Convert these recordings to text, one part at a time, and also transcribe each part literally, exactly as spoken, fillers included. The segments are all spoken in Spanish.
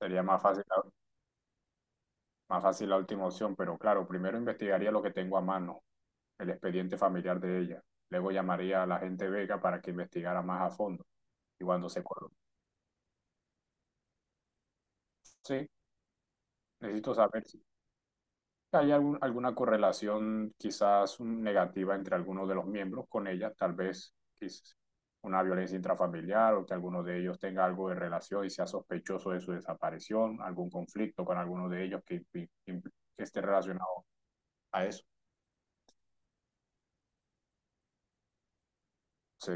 Sería más fácil, la- más fácil la última opción, pero claro, primero investigaría lo que tengo a mano, el expediente familiar de ella. Luego llamaría a la gente Vega para que investigara más a fondo. Y cuando se coloque, sí, necesito saber si hay algún- alguna correlación, quizás un- negativa entre algunos de los miembros con ella, tal vez quizás una violencia intrafamiliar, o que alguno de ellos tenga algo de relación y sea sospechoso de su desaparición, algún conflicto con alguno de ellos que, que- que esté relacionado a eso. Sí.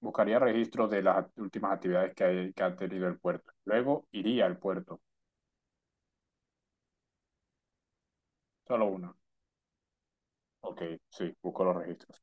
Buscaría registros de las act- últimas actividades que, hay- que ha tenido el puerto. Luego iría al puerto. Solo una. Ok, sí, busco los registros.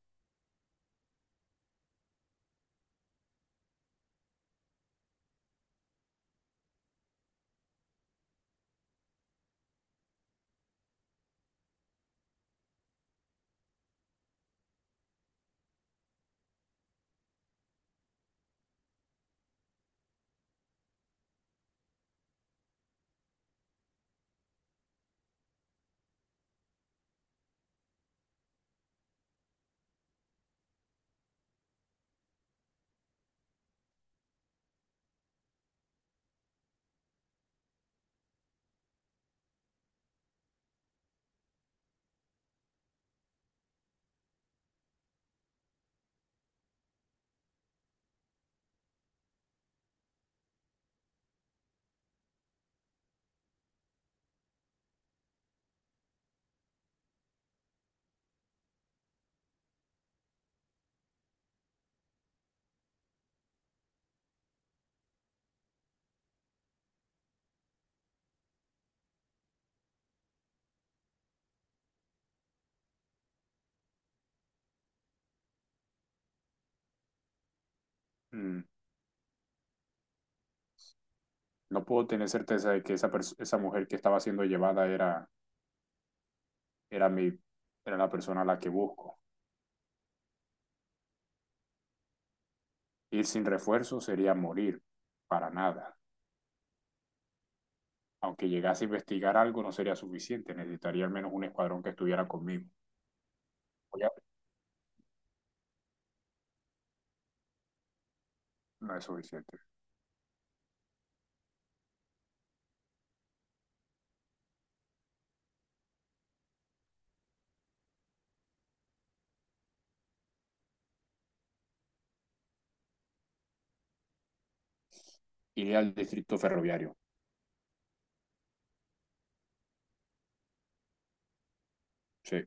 Mm, No puedo tener certeza de que esa, pers- esa mujer que estaba siendo llevada era, era, mi, era la persona a la que busco. Ir sin refuerzo sería morir. Para nada. Aunque llegase a investigar algo, no sería suficiente. Necesitaría al menos un escuadrón que estuviera conmigo. Voy a- No es suficiente. Iría al distrito ferroviario. Sí.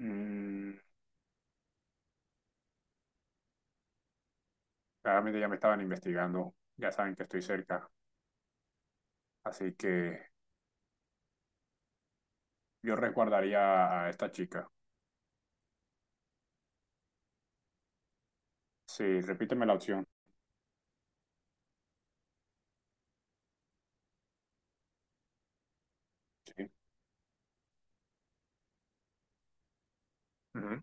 Mm, Claramente ya me estaban investigando, ya saben que estoy cerca, así que yo resguardaría a esta chica. Sí, repíteme la opción. Sí. Ujú.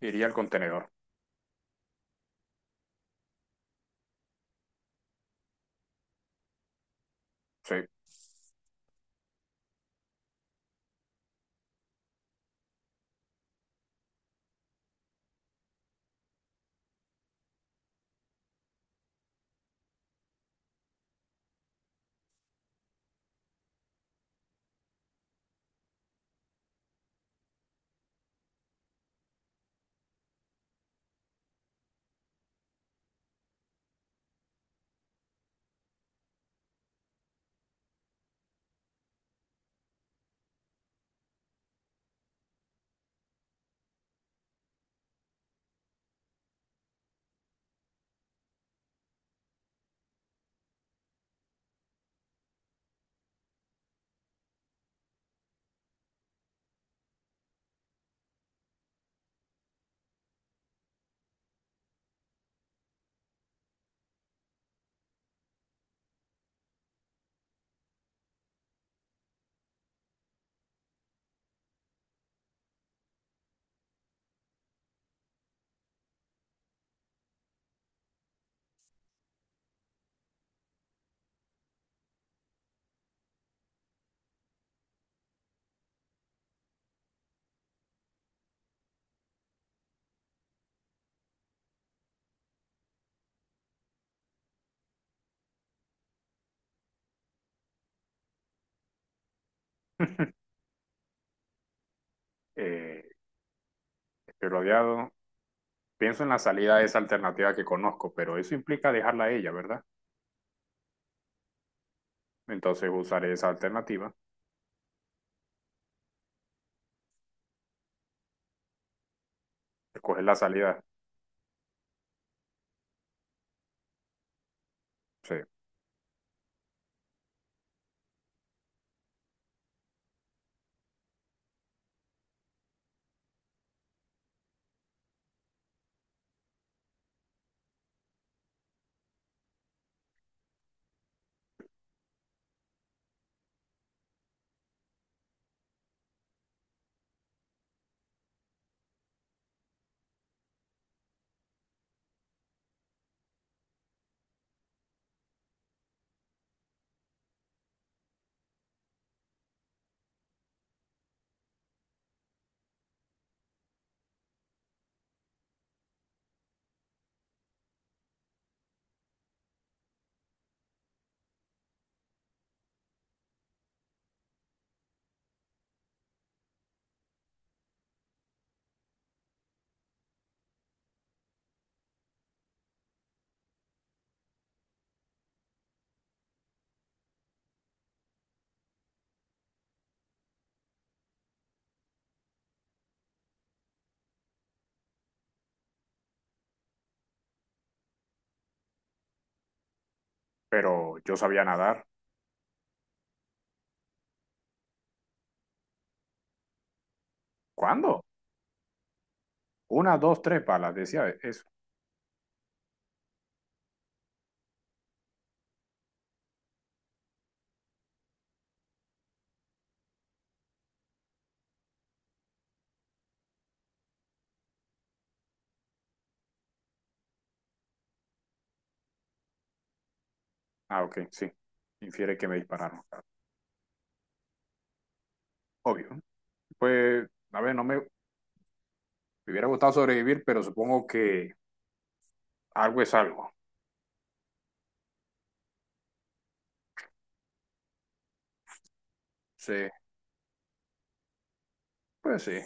Iría al contenedor. Sí. Eh, estoy rodeado. Pienso en la salida de esa alternativa que conozco, pero eso implica dejarla a ella, ¿verdad? Entonces usaré esa alternativa, escoger la salida. Sí. Pero yo sabía nadar. ¿Cuándo? Una, dos, tres balas, decía eso. Ah, ok, sí. Infiere que me dispararon. Obvio. Pues, a ver, no me, me hubiera gustado sobrevivir, pero supongo que algo es algo. Sí, pues sí.